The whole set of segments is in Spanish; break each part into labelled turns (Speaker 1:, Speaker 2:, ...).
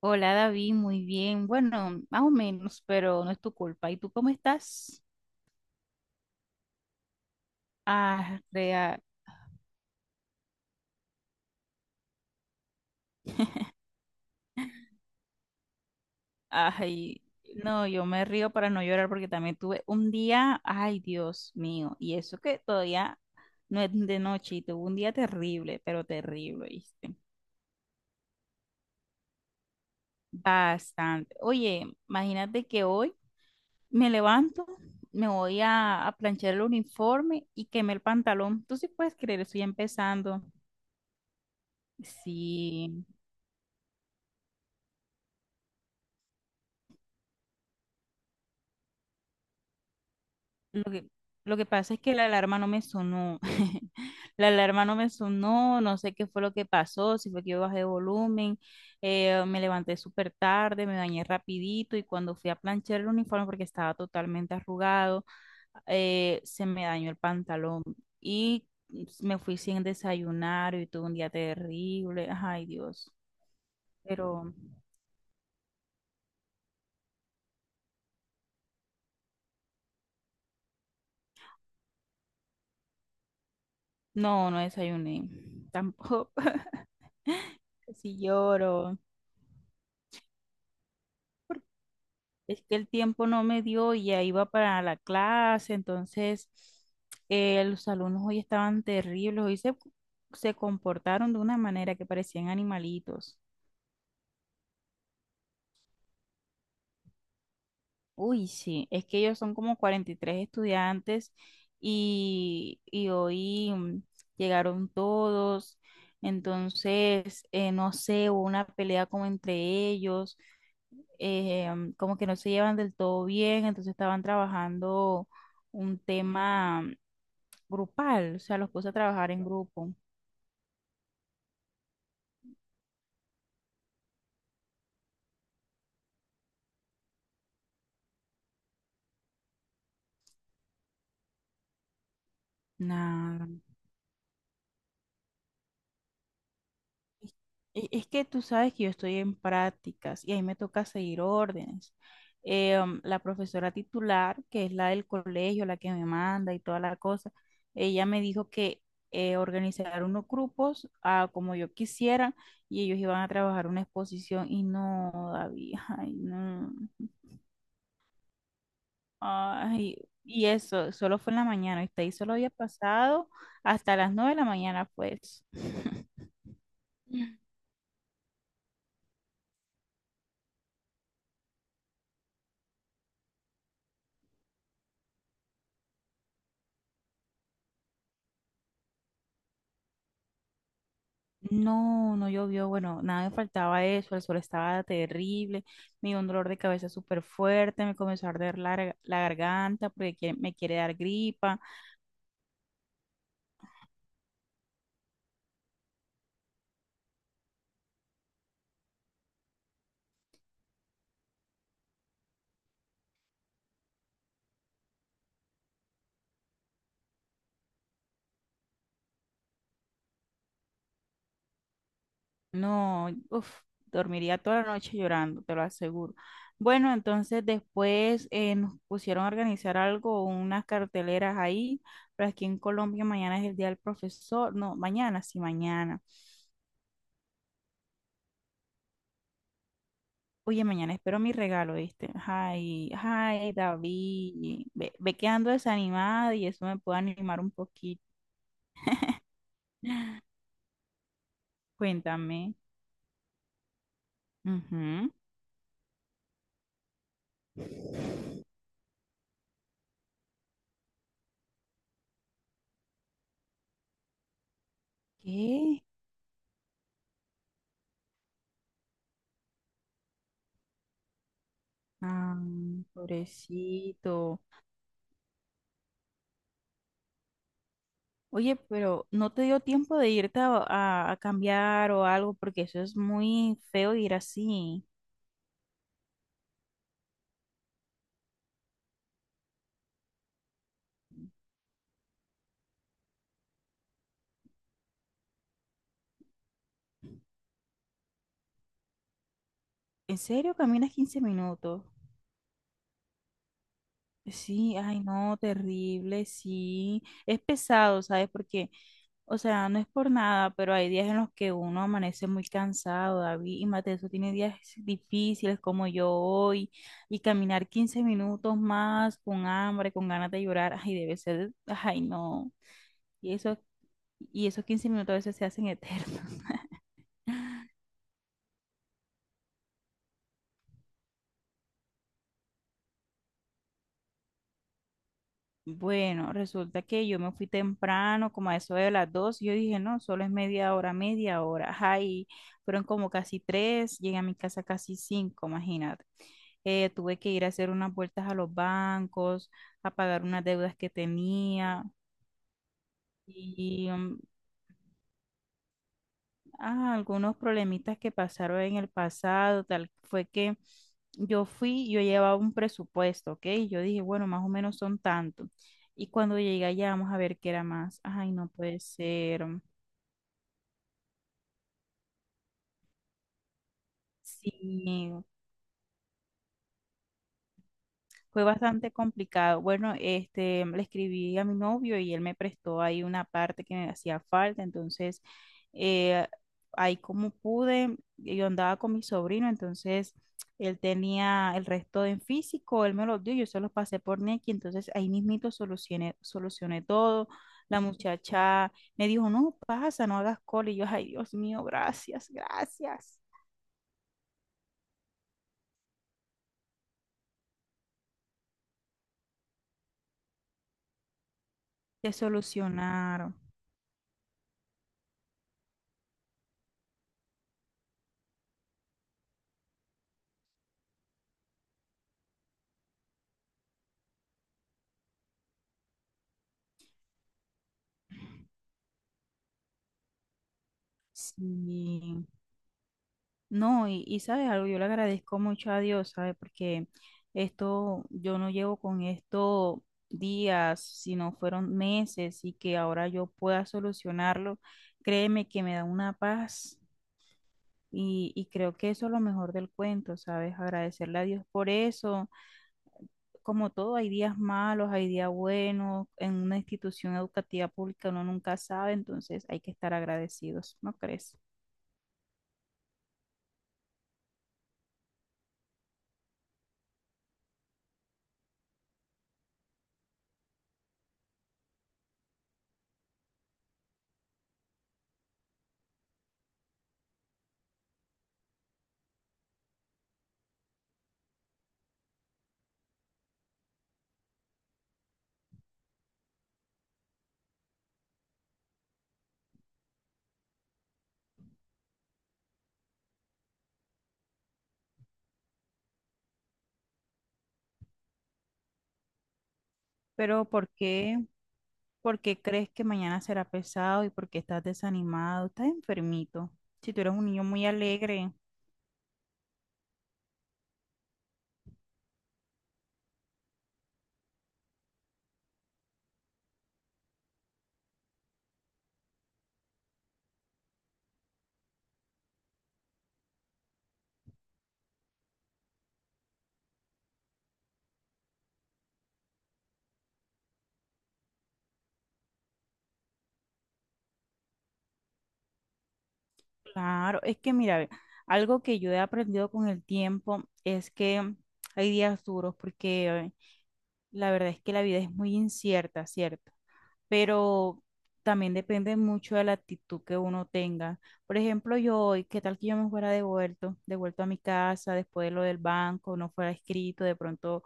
Speaker 1: Hola David, muy bien. Bueno, más o menos, pero no es tu culpa. ¿Y tú cómo estás? Ah, rea- Ay, no, yo me río para no llorar porque también tuve un día, ay, Dios mío, y eso que todavía no es de noche y tuve un día terrible, pero terrible, ¿viste? Bastante. Oye, imagínate que hoy me levanto, me voy a planchar el uniforme y quemé el pantalón. ¿Tú sí puedes creer? Estoy empezando. Sí. Lo que pasa es que la alarma no me sonó. La alarma no me sonó, no sé qué fue lo que pasó, si fue que yo bajé de volumen, me levanté súper tarde, me bañé rapidito y cuando fui a planchar el uniforme porque estaba totalmente arrugado, se me dañó el pantalón y me fui sin desayunar y tuve un día terrible. Ay, Dios. Pero no, no desayuné tampoco. Sí lloro. Es que el tiempo no me dio y ya iba para la clase, entonces los alumnos hoy estaban terribles, hoy se comportaron de una manera que parecían animalitos. Uy, sí, es que ellos son como 43 estudiantes y hoy llegaron todos, entonces, no sé, hubo una pelea como entre ellos, como que no se llevan del todo bien, entonces estaban trabajando un tema grupal, o sea, los puse a trabajar en grupo. Nada. Es es que tú sabes que yo estoy en prácticas y ahí me toca seguir órdenes. La profesora titular, que es la del colegio, la que me manda y toda la cosa, ella me dijo que organizar unos grupos como yo quisiera y ellos iban a trabajar una exposición y no, David, ay, no. Ay, y eso, solo fue en la mañana, y ahí solo había pasado hasta las nueve de la mañana, pues. No, no llovió, bueno, nada me faltaba eso, el sol estaba terrible, me dio un dolor de cabeza súper fuerte, me comenzó a arder la, la garganta porque me quiere dar gripa, no, uff, dormiría toda la noche llorando, te lo aseguro. Bueno, entonces después nos pusieron a organizar algo, unas carteleras ahí, pero aquí en Colombia mañana es el día del profesor, no, mañana, sí, mañana. Oye, mañana espero mi regalo, ¿viste? Ay, ay, David, ve, ve quedando ando desanimada y eso me puede animar un poquito. Cuéntame. Ujú. ¿Qué? Ah, pobrecito. Oye, pero no te dio tiempo de irte a cambiar o algo, porque eso es muy feo ir así. ¿En serio caminas 15 minutos? Sí, ay, no, terrible, sí. Es pesado, ¿sabes? Porque, o sea, no es por nada, pero hay días en los que uno amanece muy cansado, David, y Mateo eso tiene días difíciles como yo hoy, y caminar 15 minutos más con hambre, con ganas de llorar, ay, debe ser, ay, no. Y eso, y esos 15 minutos a veces se hacen eternos. Bueno, resulta que yo me fui temprano, como a eso de las dos, y yo dije, no, solo es media hora, ay, fueron como casi tres, llegué a mi casa casi cinco, imagínate. Tuve que ir a hacer unas vueltas a los bancos, a pagar unas deudas que tenía y algunos problemitas que pasaron en el pasado, tal fue que yo fui, yo llevaba un presupuesto, ¿ok? Yo dije, bueno, más o menos son tanto. Y cuando llegué allá, vamos a ver qué era más. Ay, no puede ser. Sí, fue bastante complicado. Bueno, este, le escribí a mi novio y él me prestó ahí una parte que me hacía falta. Entonces, eh, ahí como pude, yo andaba con mi sobrino, entonces él tenía el resto en físico, él me lo dio, yo se los pasé por Nequi, entonces ahí mismito solucioné, solucioné todo. La muchacha me dijo, no, pasa, no hagas cola. Y yo, ay, Dios mío, gracias, gracias. Te solucionaron. Sí. No, y sabes algo, yo le agradezco mucho a Dios, ¿sabes? Porque esto, yo no llevo con esto días, sino fueron meses, y que ahora yo pueda solucionarlo, créeme que me da una paz, y creo que eso es lo mejor del cuento, ¿sabes? Agradecerle a Dios por eso. Como todo, hay días malos, hay días buenos, en una institución educativa pública uno nunca sabe, entonces hay que estar agradecidos, ¿no crees? ¿Pero por qué? ¿Por qué crees que mañana será pesado y por qué estás desanimado? Estás enfermito. Si tú eres un niño muy alegre, claro. Es que mira, ve, algo que yo he aprendido con el tiempo es que hay días duros porque la verdad es que la vida es muy incierta, ¿cierto? Pero también depende mucho de la actitud que uno tenga. Por ejemplo, yo hoy, ¿qué tal que yo me fuera devuelto, devuelto a mi casa después de lo del banco, no fuera escrito de pronto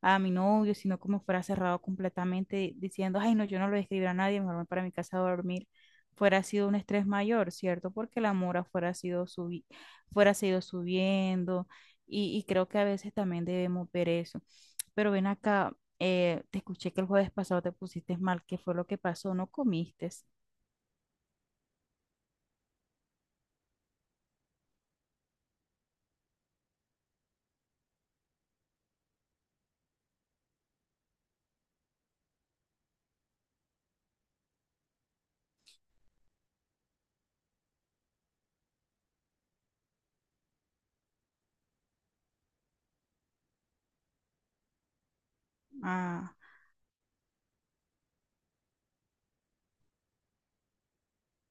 Speaker 1: a mi novio, sino como fuera cerrado completamente diciendo, ay, no, yo no lo escribí a nadie, mejor me voy para mi casa a dormir, fuera sido un estrés mayor, ¿cierto? Porque la mora fuera sido fuera sido subiendo, y creo que a veces también debemos ver eso. Pero ven acá, te escuché que el jueves pasado te pusiste mal. ¿Qué fue lo que pasó? ¿No comiste? Ah,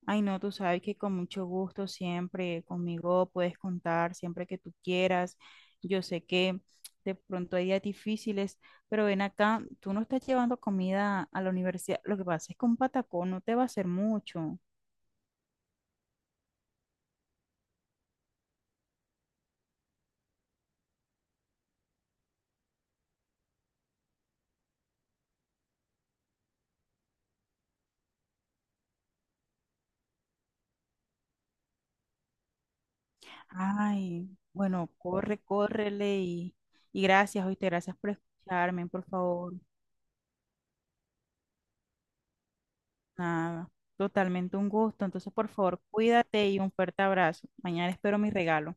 Speaker 1: ay, no, tú sabes que con mucho gusto siempre conmigo puedes contar siempre que tú quieras. Yo sé que de pronto hay días difíciles, pero ven acá, tú no estás llevando comida a la universidad. Lo que pasa es que un patacón no te va a hacer mucho. Ay, bueno, corre, córrele y gracias, oíste, gracias por escucharme, por favor. Nada, totalmente un gusto. Entonces, por favor, cuídate y un fuerte abrazo. Mañana espero mi regalo.